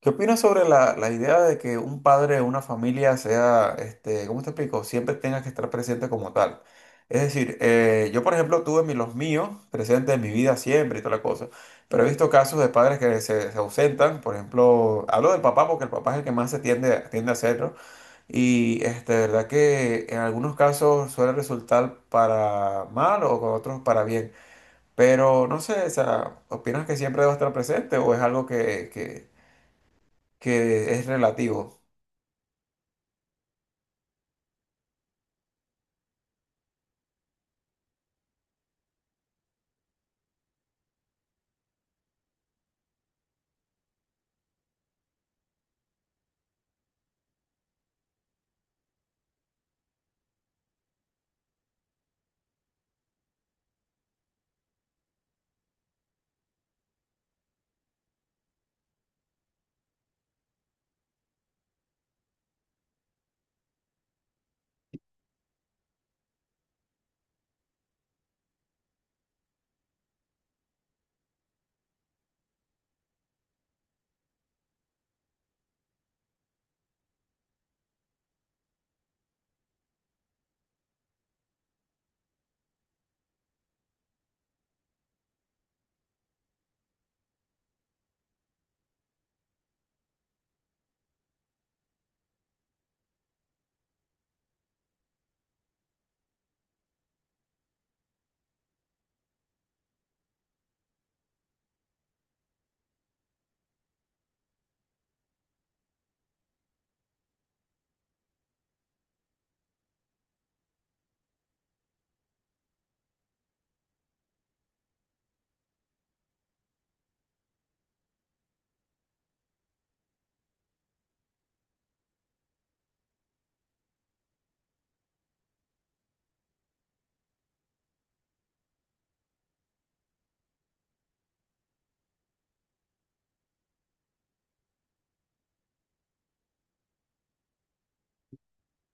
¿Qué opinas sobre la idea de que un padre de una familia sea, ¿cómo te explico? Siempre tenga que estar presente como tal. Es decir, yo por ejemplo tuve los míos presentes en mi vida siempre y toda la cosa, pero he visto casos de padres se ausentan, por ejemplo, hablo del papá porque el papá es el que más tiende a hacerlo y de verdad que en algunos casos suele resultar para mal o con otros para bien, pero no sé, o sea, ¿opinas que siempre debe estar presente o es algo que es relativo?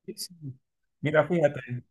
Sí, sí. Mira, fíjate.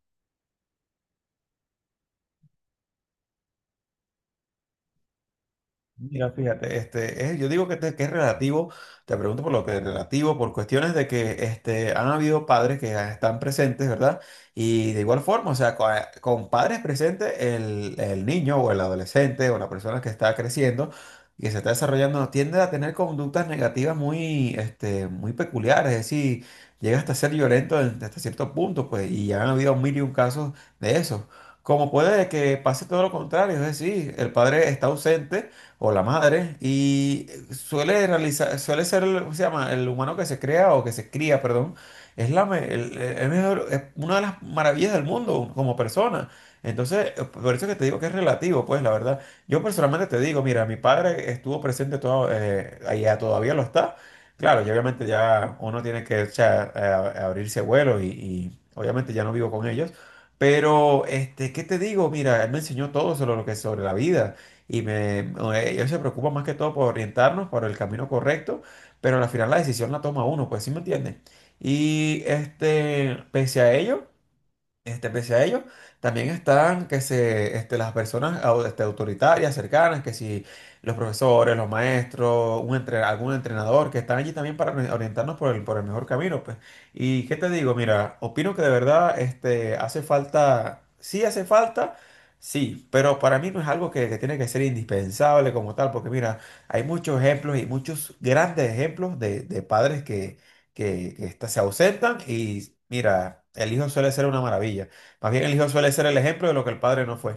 Mira, fíjate, yo digo que es relativo, te pregunto por lo que es relativo, por cuestiones de que han habido padres que están presentes, ¿verdad? Y de igual forma, o sea, con padres presentes, el niño o el adolescente o la persona que está creciendo y que se está desarrollando tiende a tener conductas negativas muy peculiares, es decir, llega hasta ser violento hasta cierto punto, pues, y ya han habido mil y un casos de eso. Como puede que pase todo lo contrario, es decir, el padre está ausente o la madre, y suele ser, ¿cómo se llama? El humano que se crea o que se cría, perdón, es el mejor, es una de las maravillas del mundo como persona. Entonces, por eso es que te digo que es relativo, pues, la verdad. Yo personalmente te digo, mira, mi padre estuvo presente todo, allá todavía lo está. Claro, y obviamente ya uno tiene que, o sea, abrirse vuelo y obviamente ya no vivo con ellos. Pero, ¿qué te digo? Mira, él me enseñó todo sobre lo que es sobre la vida y ellos se preocupan más que todo por orientarnos por el camino correcto, pero al final la decisión la toma uno, pues sí me entienden. Y este, pese a ello. Pese a ello, también están que se, este, las personas autoritarias, cercanas, que si los profesores, los maestros, algún entrenador, que están allí también para orientarnos por por el mejor camino, pues. Y qué te digo, mira, opino que de verdad este, hace falta, sí, pero para mí no es algo que tiene que ser indispensable como tal, porque mira, hay muchos ejemplos y muchos grandes ejemplos de padres que estas se ausentan y mira, el hijo suele ser una maravilla. Más bien el hijo suele ser el ejemplo de lo que el padre no fue.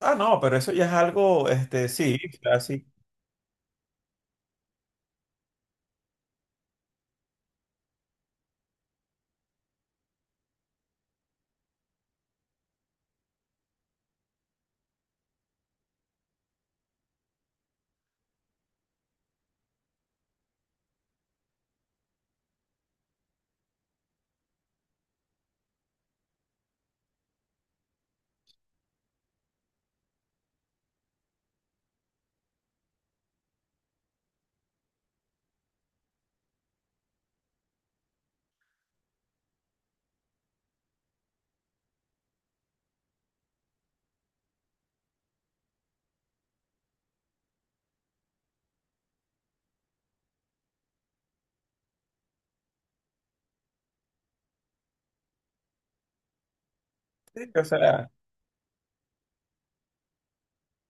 Ah, no, pero eso ya es algo, este, sí, o sea, sí, sí, o sea,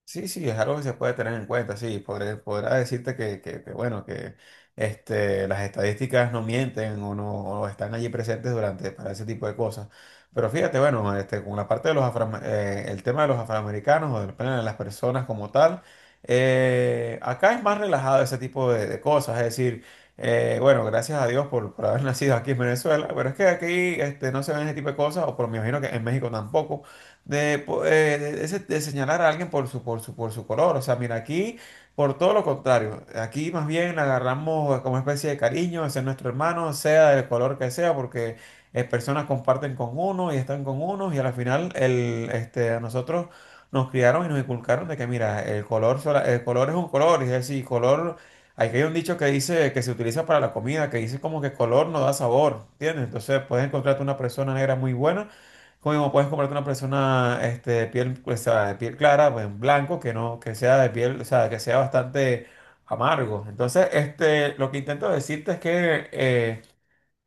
sí, sí, es algo que se puede tener en cuenta, sí, podrá decirte que, bueno, que las estadísticas no mienten o no o están allí presentes durante para ese tipo de cosas. Pero fíjate, bueno, este, con la parte de los el tema de los afroamericanos o del plano de las personas como tal, acá es más relajado ese tipo de cosas, es decir, bueno, gracias a Dios por haber nacido aquí en Venezuela, pero es que aquí este, no se ven ese tipo de cosas, o por me imagino que en México tampoco de de señalar a alguien por su, por su, por su color. O sea, mira, aquí por todo lo contrario, aquí más bien le agarramos como especie de cariño, ese es nuestro hermano, sea del color que sea, porque personas comparten con uno y están con uno y al final a nosotros nos criaron y nos inculcaron de que mira, el color es un color, es decir, color. Aquí hay un dicho que dice que se utiliza para la comida, que dice como que color no da sabor, ¿entiendes? Entonces puedes encontrarte una persona negra muy buena como puedes comprarte una persona este, de piel, o sea, de piel clara, pues en blanco, que no, que sea de piel, o sea, que sea bastante amargo. Entonces, este, lo que intento decirte es que,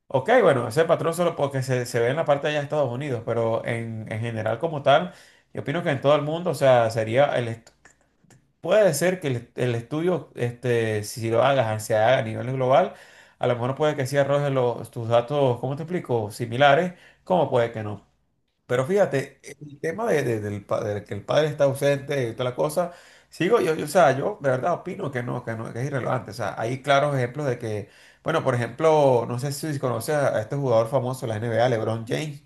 ok, bueno, ese patrón solo porque se ve en la parte de allá de Estados Unidos, pero en general como tal, yo opino que en todo el mundo, o sea, puede ser que el estudio, este, si lo hagas, ah, se haga a nivel global, a lo mejor puede que sí arroje los, tus datos, ¿cómo te explico? Similares, como puede que no. Pero fíjate, el tema de que el padre está ausente y toda la cosa, sigo o sea, yo de verdad opino que que no, que es irrelevante. O sea, hay claros ejemplos de que, bueno, por ejemplo, no sé si conoces a este jugador famoso de la NBA, LeBron James.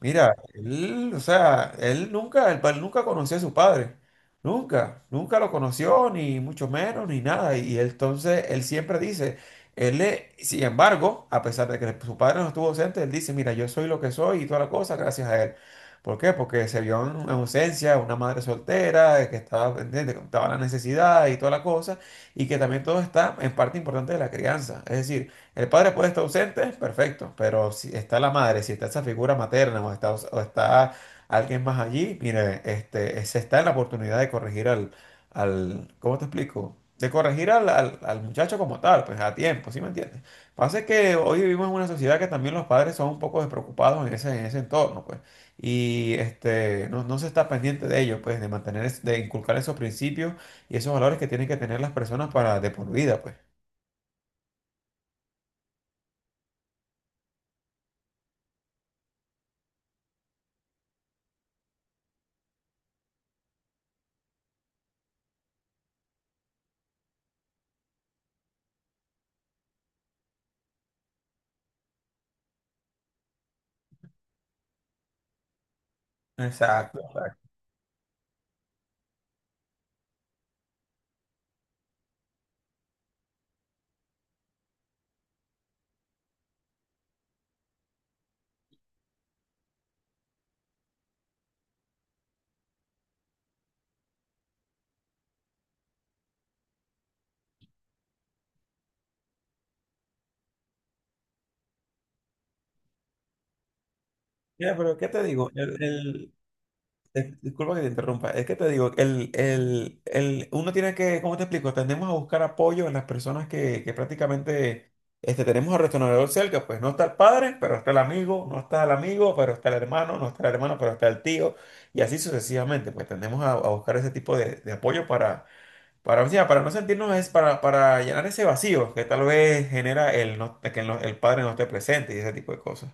Mira, él, o sea, él nunca conoció a su padre, nunca, nunca lo conoció, ni mucho menos, ni nada. Y él, entonces, él siempre dice, sin embargo, a pesar de que su padre no estuvo ausente, él dice, mira, yo soy lo que soy y toda la cosa gracias a él. ¿Por qué? Porque se vio en ausencia una madre soltera, que estaba pendiente, que estaba la necesidad y toda la cosa, y que también todo está en parte importante de la crianza. Es decir, el padre puede estar ausente, perfecto, pero si está la madre, si está esa figura materna o está alguien más allí, mire, este, se está en la oportunidad de corregir al, ¿cómo te explico? De corregir al muchacho como tal, pues a tiempo, ¿sí me entiendes? Pasa que hoy vivimos en una sociedad que también los padres son un poco despreocupados en ese entorno, pues, y este, no se está pendiente de ello, pues, de de inculcar esos principios y esos valores que tienen que tener las personas para de por vida, pues. Exacto. Mira, pero ¿qué te digo? Disculpa que te interrumpa, es que te digo, uno tiene que, ¿cómo te explico? Tendemos a buscar apoyo en las personas que prácticamente este, tenemos al retornador cerca, pues no está el padre, pero está el amigo, no está el amigo, pero está el hermano, no está el hermano, pero está el tío, y así sucesivamente, pues tendemos a buscar ese tipo de apoyo o sea, para no sentirnos, es para llenar ese vacío que tal vez genera el, no- que el no- el padre no esté presente y ese tipo de cosas.